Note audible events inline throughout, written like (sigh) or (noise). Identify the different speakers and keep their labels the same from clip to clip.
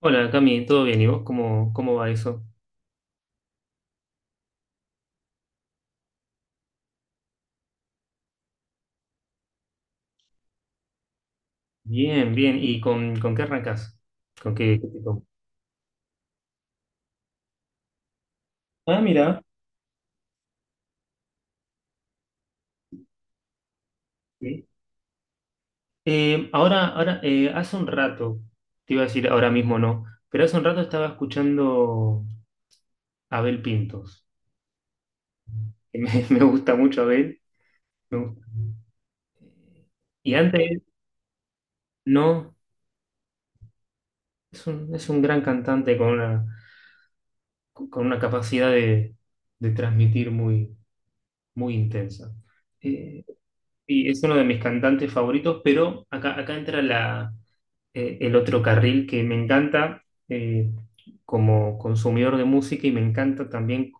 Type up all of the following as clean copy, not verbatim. Speaker 1: Hola Cami, ¿todo bien? ¿Y vos cómo va eso? Bien, bien. ¿Y con qué arrancás? ¿Con qué te tomo? Ah, mira. Sí. Ahora, ahora hace un rato, te iba a decir ahora mismo no, pero hace un rato estaba escuchando a Abel Pintos. (laughs) Me gusta mucho Abel. Me gusta. Y antes, no, es un gran cantante con una capacidad de transmitir muy, muy intensa. Eh, Sí, es uno de mis cantantes favoritos, pero acá entra el otro carril que me encanta eh, como consumidor de música y me encanta también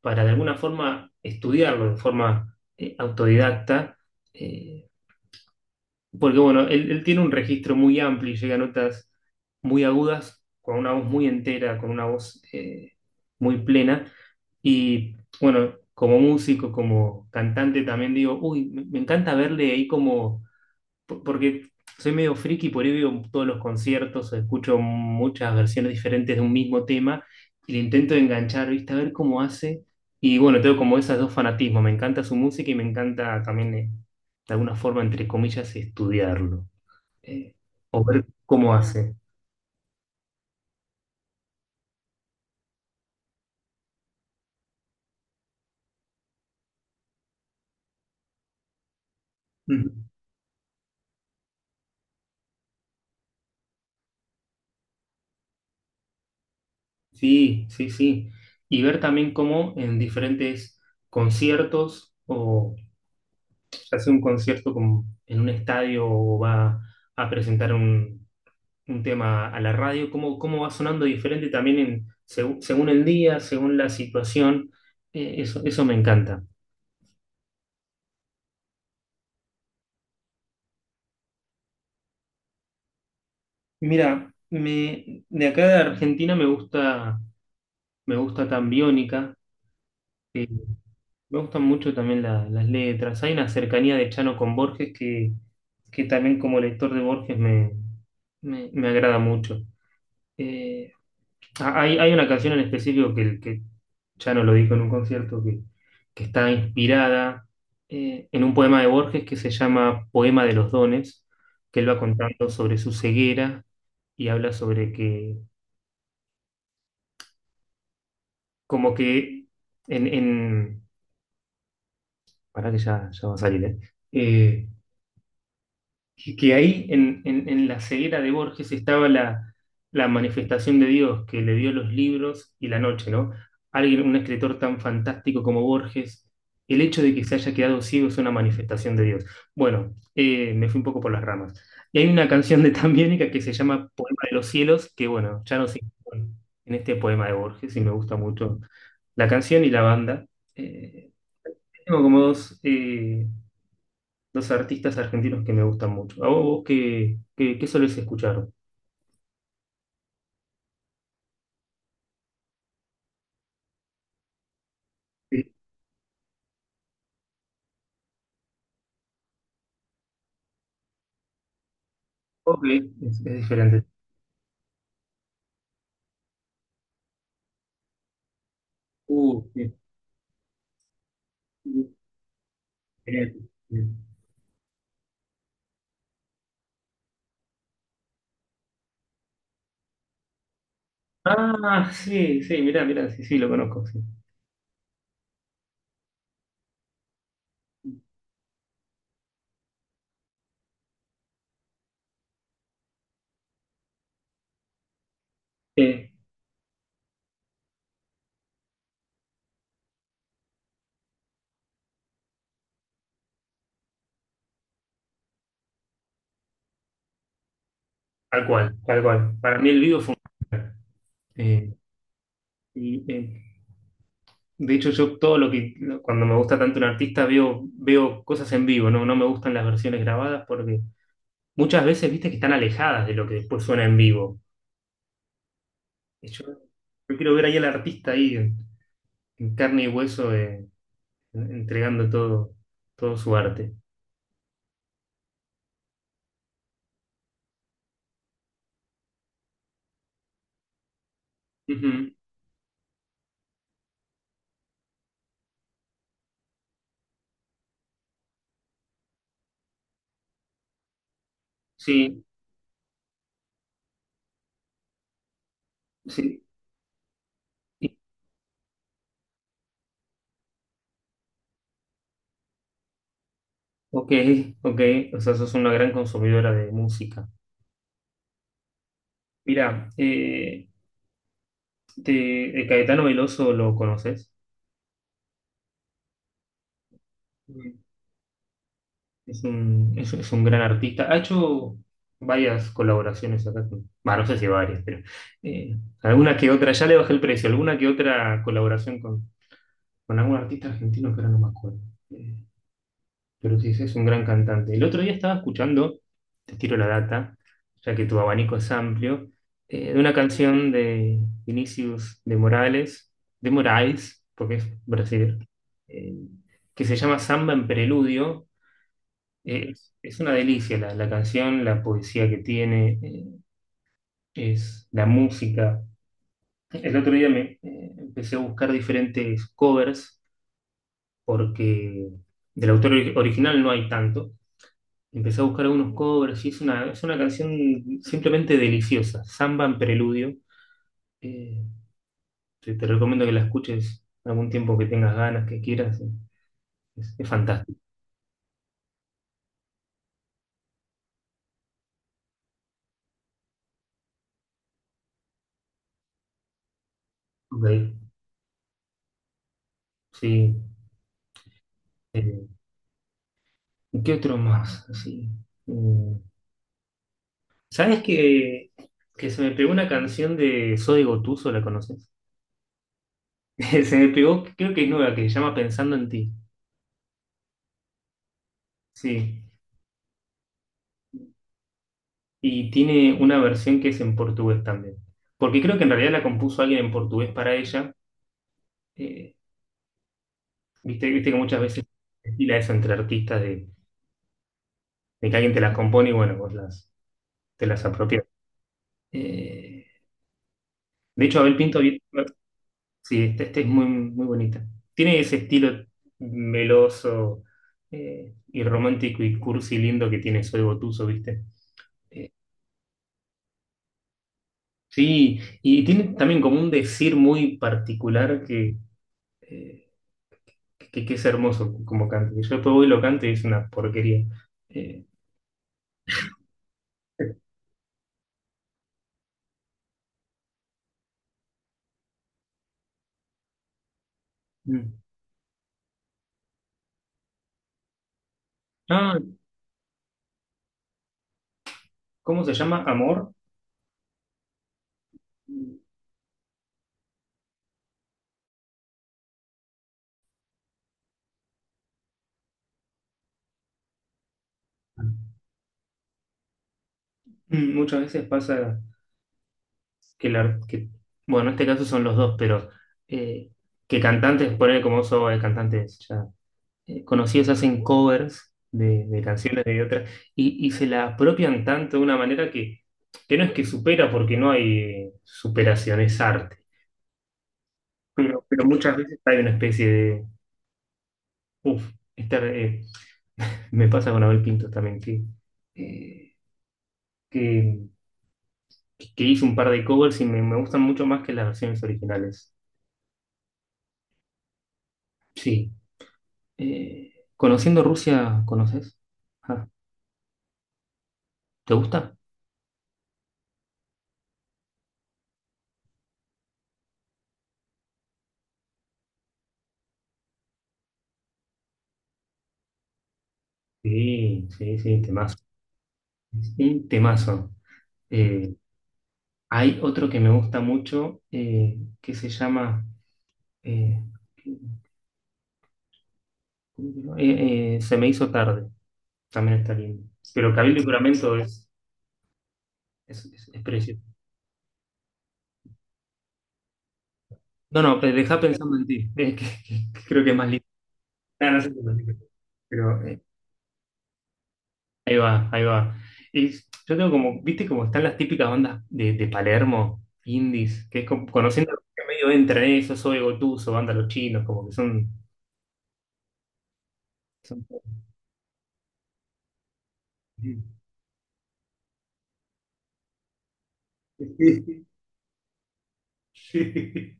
Speaker 1: para de alguna forma estudiarlo de forma autodidacta. eh, Porque bueno, él tiene un registro muy amplio y llega a notas muy agudas, con una voz muy entera, con una voz muy plena. Y bueno, como músico, como cantante también digo, uy, me encanta verle ahí como porque soy medio friki, por ahí veo todos los conciertos, escucho muchas versiones diferentes de un mismo tema y le intento enganchar, ¿viste? A ver cómo hace. Y bueno, tengo como esos dos fanatismos, me encanta su música y me encanta también, de alguna forma, entre comillas, estudiarlo, eh, o ver cómo hace. Ujú. Sí, sí, sí. Y ver también cómo en diferentes conciertos, o se hace un concierto como en un estadio o va a presentar un tema a la radio, cómo va sonando diferente también en, según el día, según la situación. Eso me encanta. Mira, me, de acá de Argentina me gusta tan Biónica. eh, Me gustan mucho también las letras. Hay una cercanía de Chano con Borges que también como lector de Borges me agrada mucho. Eh, Hay una canción en específico que ya no lo dijo en un concierto, que está inspirada en un poema de Borges que se llama Poema de los Dones, que él va contando sobre su ceguera y habla sobre que, como que en, en- pará que ya va a salir, ¿eh? Eh, que ahí en la ceguera de Borges estaba la, la manifestación de Dios que le dio los libros y la noche, ¿no? Alguien, un escritor tan fantástico como Borges, el hecho de que se haya quedado ciego es una manifestación de Dios. Bueno, me fui un poco por las ramas. Y hay una canción de Tambiénica que se llama Poema de los Cielos, que bueno, ya no sé en este poema de Borges y me gusta mucho la canción y la banda. Eh, Tengo como dos... dos artistas argentinos que me gustan mucho. ¿A vos qué solés escuchar? Sí. Ok, es diferente. Sí, sí, diferente, sí. Ah, sí, sí, mirá, mirá, sí, sí, lo conozco, sí. Eh, Tal cual, tal cual. Para mí el vivo fue... un- eh, y, eh, de hecho, yo todo lo que, cuando me gusta tanto un artista, veo cosas en vivo, ¿no? No me gustan las versiones grabadas porque muchas veces, viste, que están alejadas de lo que después suena en vivo. Y Yo, yo quiero ver ahí al artista ahí en carne y hueso entregando todo, todo su arte. Ujú, sí, sí. Y- Ok, ok. O sea, sos una gran consumidora de música. Mira, de Caetano Veloso lo conoces. Mm. Es un, es un gran artista. Ha hecho varias colaboraciones acá con. Bah, no sé si varias, pero alguna que otra. Ya le bajé el precio. Alguna que otra colaboración con algún artista argentino que ahora no me acuerdo. Eh, pero sí, es un gran cantante. El otro día estaba escuchando, te tiro la data, ya que tu abanico es amplio, de una canción de Vinicius de Morales, de Moraes, porque es Brasil, eh, que se llama Samba en Preludio. Es una delicia la canción, la poesía que tiene, es la música. El otro día me empecé a buscar diferentes covers porque del autor original no hay tanto. Empecé a buscar algunos covers y es una canción simplemente deliciosa, Samba en Preludio. Eh, Te recomiendo que la escuches algún tiempo que tengas ganas, que quieras. Es fantástico. Ok, sí. eh, ¿Y qué otro más? Así, mm, ¿sabes que se me pegó una canción de Soy Gotuso, la conoces? (laughs) Se me pegó, creo que es nueva, que se llama Pensando en ti. Sí. Y tiene una versión que es en portugués también. Porque creo que en realidad la compuso alguien en portugués para ella. Eh, Viste que muchas veces se estila eso entre artistas de que alguien te las compone y bueno, te las apropias. Eh, de hecho, Abel Pinto, sí, esta este es muy, muy bonita. Tiene ese estilo meloso y romántico y cursi lindo que tiene Soy Gotuso, ¿viste? Eh, sí, y tiene también como un decir muy particular eh, que es hermoso como cante. Yo después voy y lo canto y es una porquería. Eh, mm. Ah, ¿cómo se llama? ¿Amor? Mm, muchas veces pasa que, la, que- bueno, en este caso son los dos, pero eh, que cantantes, poner como eso de cantantes ya conocidos hacen covers de canciones de otras y se la apropian tanto de una manera que no es que supera, porque no hay superación, es arte. Pero muchas veces hay una especie de, uff, me pasa con Abel Pinto también, eh, que, que hizo un par de covers y me gustan mucho más que las versiones originales. Sí. Eh, Conociendo Rusia, ¿conoces? Ah, ¿te gusta? Sí, sí, sí, temazo. Sí, temazo. Eh, Hay otro que me gusta mucho que se llama eh, Se me hizo tarde. También está lindo. Pero Cabildo y Juramento es precioso. No, no, pero deja pensando en ti. Que creo que es más lindo. Ah, no, no sé si es más lindo. Pero ahí va, ahí va. Yo tengo como, viste como están las típicas bandas de Palermo, indies, que es como, conociendo que medio entra en eso, Soy Gotuso, banda Los Chinos, como que son... son... Sí, (laughs) sí, sí.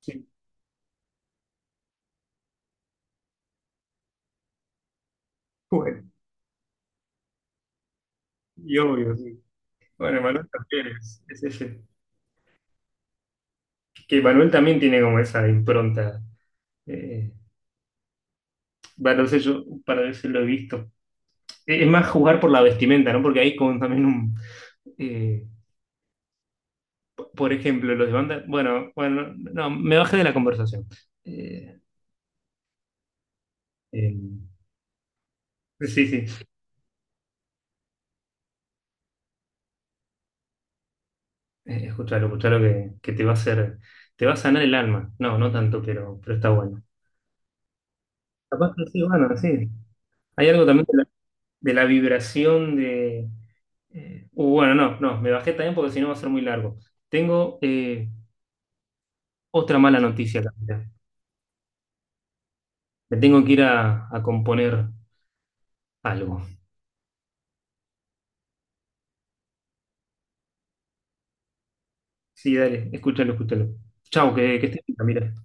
Speaker 1: Sí. Bueno, y obvio, sí. Bueno, Manuel también es ese. Que Manuel también tiene como esa impronta. Eh, bueno, no sé, yo para veces lo he visto. Es más jugar por la vestimenta, ¿no? Porque hay como también un... eh, por ejemplo, los de banda. Bueno, bueno, no, me bajé de la conversación. Eh, eh, sí, sí, escuchalo, escuchalo que te va a hacer, te va a sanar el alma. No, no tanto, pero está bueno. Capaz que sí, bueno, sí. Hay algo también de la vibración de. Bueno, no, no, me bajé también porque si no va a ser muy largo. Tengo otra mala noticia, Camila. Me tengo que ir a componer algo. Sí, dale, escúchalo, escúchalo. Chau, que estés bien, Camila.